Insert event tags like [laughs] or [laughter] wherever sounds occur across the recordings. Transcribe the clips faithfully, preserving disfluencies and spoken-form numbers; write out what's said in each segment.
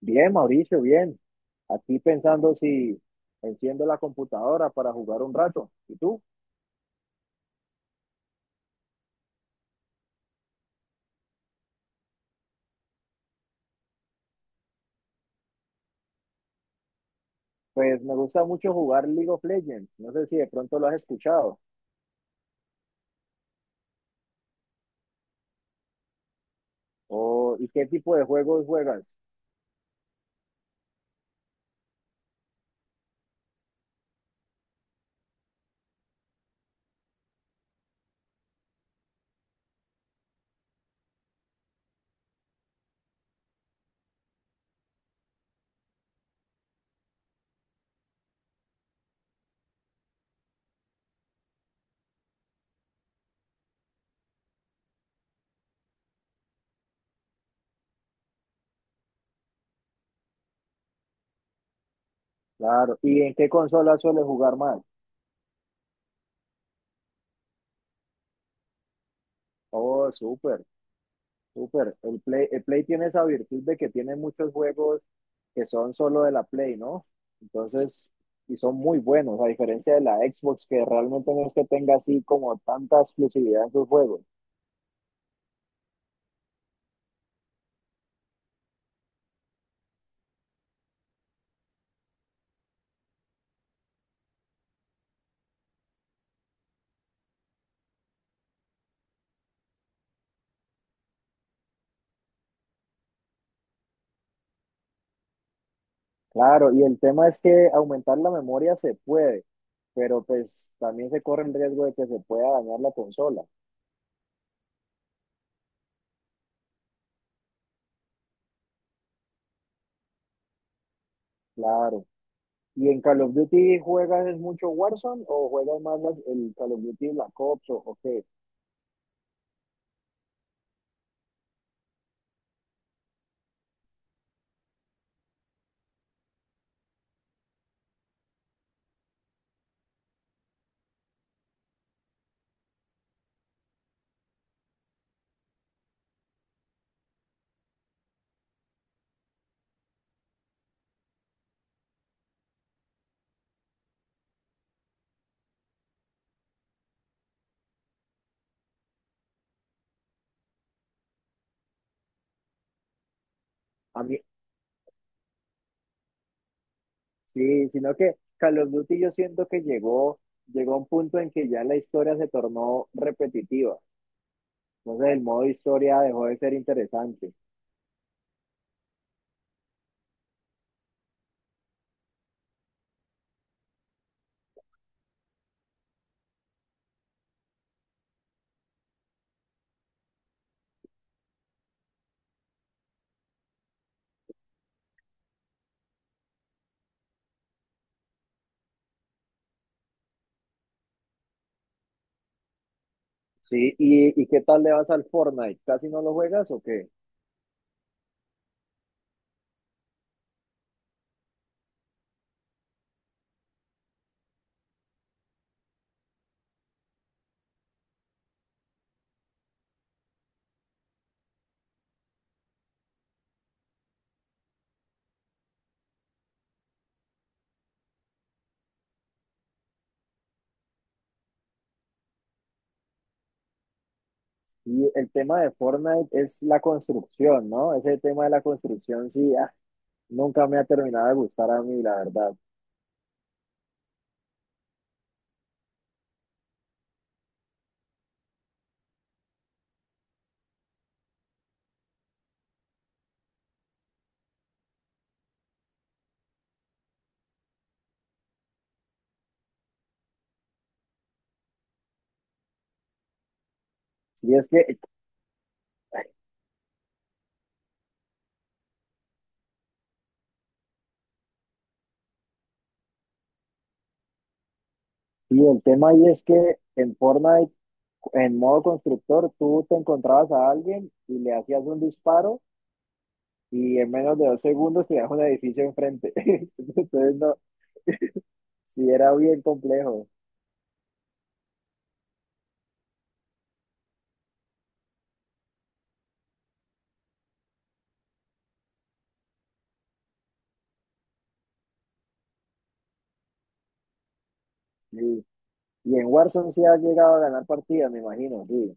Bien, Mauricio, bien. Aquí pensando si enciendo la computadora para jugar un rato. ¿Y tú? Pues me gusta mucho jugar League of Legends. No sé si de pronto lo has escuchado. O, ¿y qué tipo de juegos juegas? Claro. ¿Y en qué consola sueles jugar más? Oh, súper, súper. El Play, el Play tiene esa virtud de que tiene muchos juegos que son solo de la Play, ¿no? Entonces, y son muy buenos, a diferencia de la Xbox, que realmente no es que tenga así como tanta exclusividad en sus juegos. Claro, y el tema es que aumentar la memoria se puede, pero pues también se corre el riesgo de que se pueda dañar la consola. Claro. ¿Y en Call of Duty juegas es mucho Warzone o juegas más las- el Call of Duty Black Ops o, o qué? A mí, sí, sino que Call of Duty yo siento que llegó, llegó a un punto en que ya la historia se tornó repetitiva. Entonces el modo historia dejó de ser interesante. Sí, ¿y, y qué tal le vas al Fortnite? ¿Casi no lo juegas o qué? Y el tema de Fortnite es la construcción, ¿no? Ese tema de la construcción sí, ah, nunca me ha terminado de gustar a mí, la verdad. Sí, es que, y el tema ahí es que en Fortnite, en modo constructor, tú te encontrabas a alguien y le hacías un disparo y en menos de dos segundos tenías un edificio enfrente. [laughs] Entonces, no, sí era bien complejo. sí. Y en Warzone sí has llegado a ganar partidas, me imagino, sí,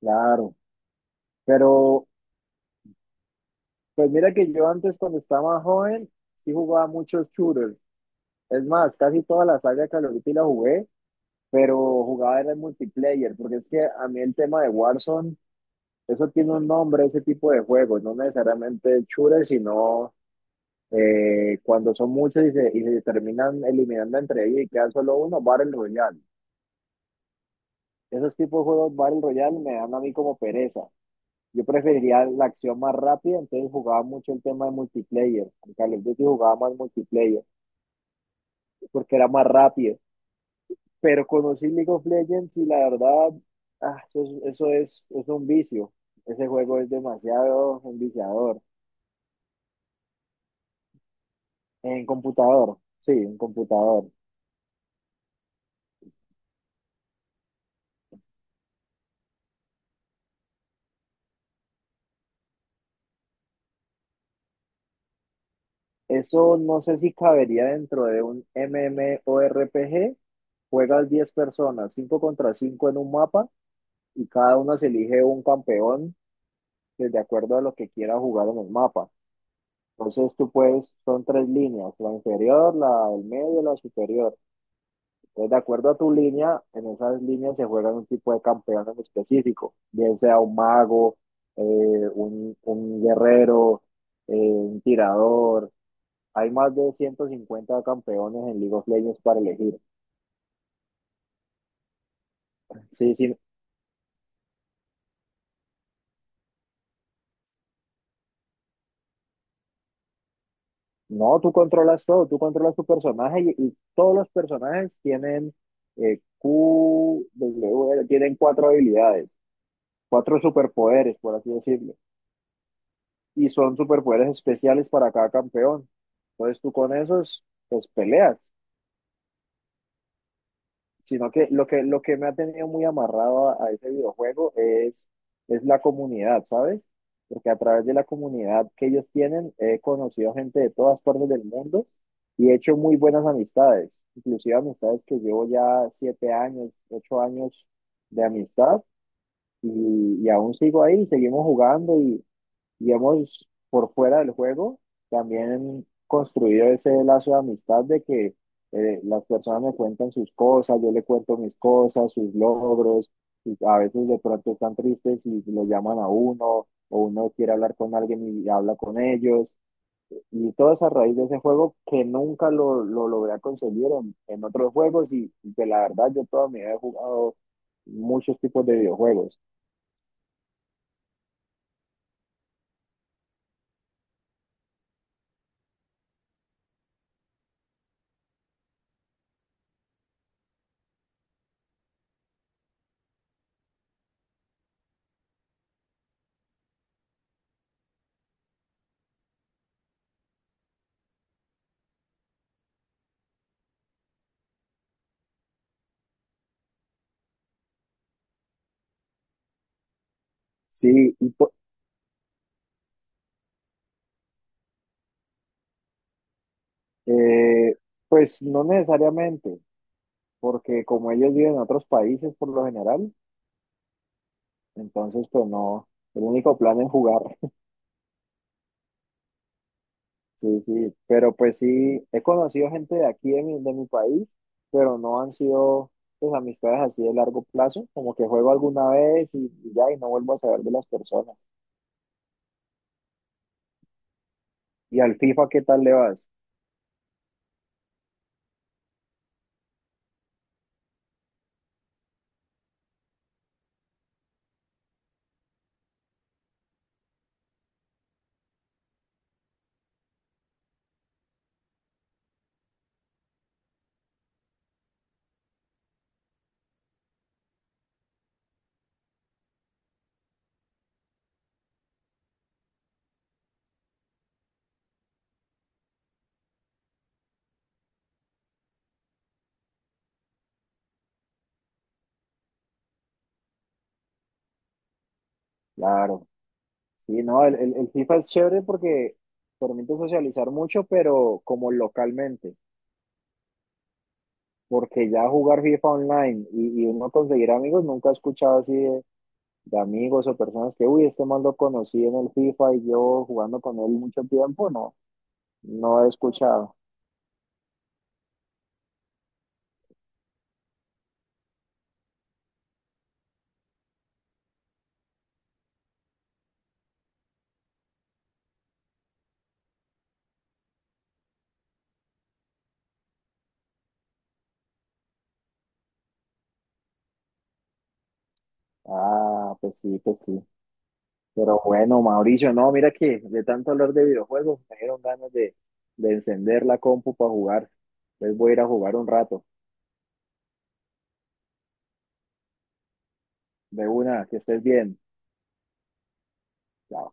claro. Pero Pues mira que yo antes cuando estaba más joven sí jugaba muchos shooters. Es más, casi toda la saga de Call of Duty la jugué, pero jugaba era en multiplayer, porque es que a mí el tema de Warzone, eso tiene un nombre, ese tipo de juegos, no necesariamente shooters, sino eh, cuando son muchos y se, y se terminan eliminando entre ellos y queda solo uno, Battle Royale. Esos tipos de juegos Battle Royale me dan a mí como pereza. Yo preferiría la acción más rápida, entonces jugaba mucho el tema de multiplayer. En Call of Duty jugaba más multiplayer. porque era más rápido. Pero conocí League of Legends y la verdad, ah, eso, es, eso es, es un vicio. Ese juego es demasiado enviciador. En computador, sí, en computador. Eso no sé si cabería dentro de un MMORPG. Juegas diez personas, cinco contra cinco en un mapa y cada uno se elige un campeón que de acuerdo a lo que quiera jugar en el mapa. Entonces tú puedes, son tres líneas, la inferior, la del medio, la superior. Entonces, de acuerdo a tu línea, en esas líneas se juegan un tipo de campeón en específico, bien sea un mago, eh, un, un guerrero, eh, un tirador. Hay más de ciento cincuenta campeones en League of Legends para elegir. Sí, sí. No, tú controlas todo, tú controlas tu personaje y, y todos los personajes tienen eh, Q, W, tienen cuatro habilidades, cuatro superpoderes, por así decirlo. Y son superpoderes especiales para cada campeón. Entonces tú con esos, pues peleas. Sino que lo que, lo que me ha tenido muy amarrado a, a ese videojuego es, es la comunidad, ¿sabes? Porque a través de la comunidad que ellos tienen, he conocido gente de todas partes del mundo y he hecho muy buenas amistades, inclusive amistades que llevo ya siete años, ocho años de amistad y, y aún sigo ahí, seguimos jugando y y hemos, por fuera del juego, también construido ese lazo de amistad de que eh, las personas me cuentan sus cosas, yo le cuento mis cosas, sus logros, y a veces de pronto están tristes y lo llaman a uno, o uno quiere hablar con alguien y habla con ellos, y todo es a raíz de ese juego que nunca lo, lo logré conseguir en, en otros juegos, y que la verdad yo toda mi vida he jugado muchos tipos de videojuegos. Sí, y po- eh, pues no necesariamente. Porque como ellos viven en otros países por lo general, entonces pues no, el único plan es jugar. [laughs] Sí, sí, pero pues sí, he conocido gente de aquí de mi, de mi país, pero no han sido pues amistades así de largo plazo, como que juego alguna vez y, y ya, y no vuelvo a saber de las personas. ¿Y al FIFA qué tal le vas? Claro, sí, no, el, el, el FIFA es chévere porque permite socializar mucho, pero como localmente, porque ya jugar FIFA online y, y uno conseguir amigos, nunca he escuchado así de amigos o personas que, uy, este man lo conocí en el FIFA y yo jugando con él mucho tiempo, no, no he escuchado. Ah, pues sí, pues sí. Pero bueno, Mauricio, no, mira que de tanto hablar de videojuegos me dieron ganas de, de, encender la compu para jugar. Entonces voy a ir a jugar un rato. De una, que estés bien. Chao.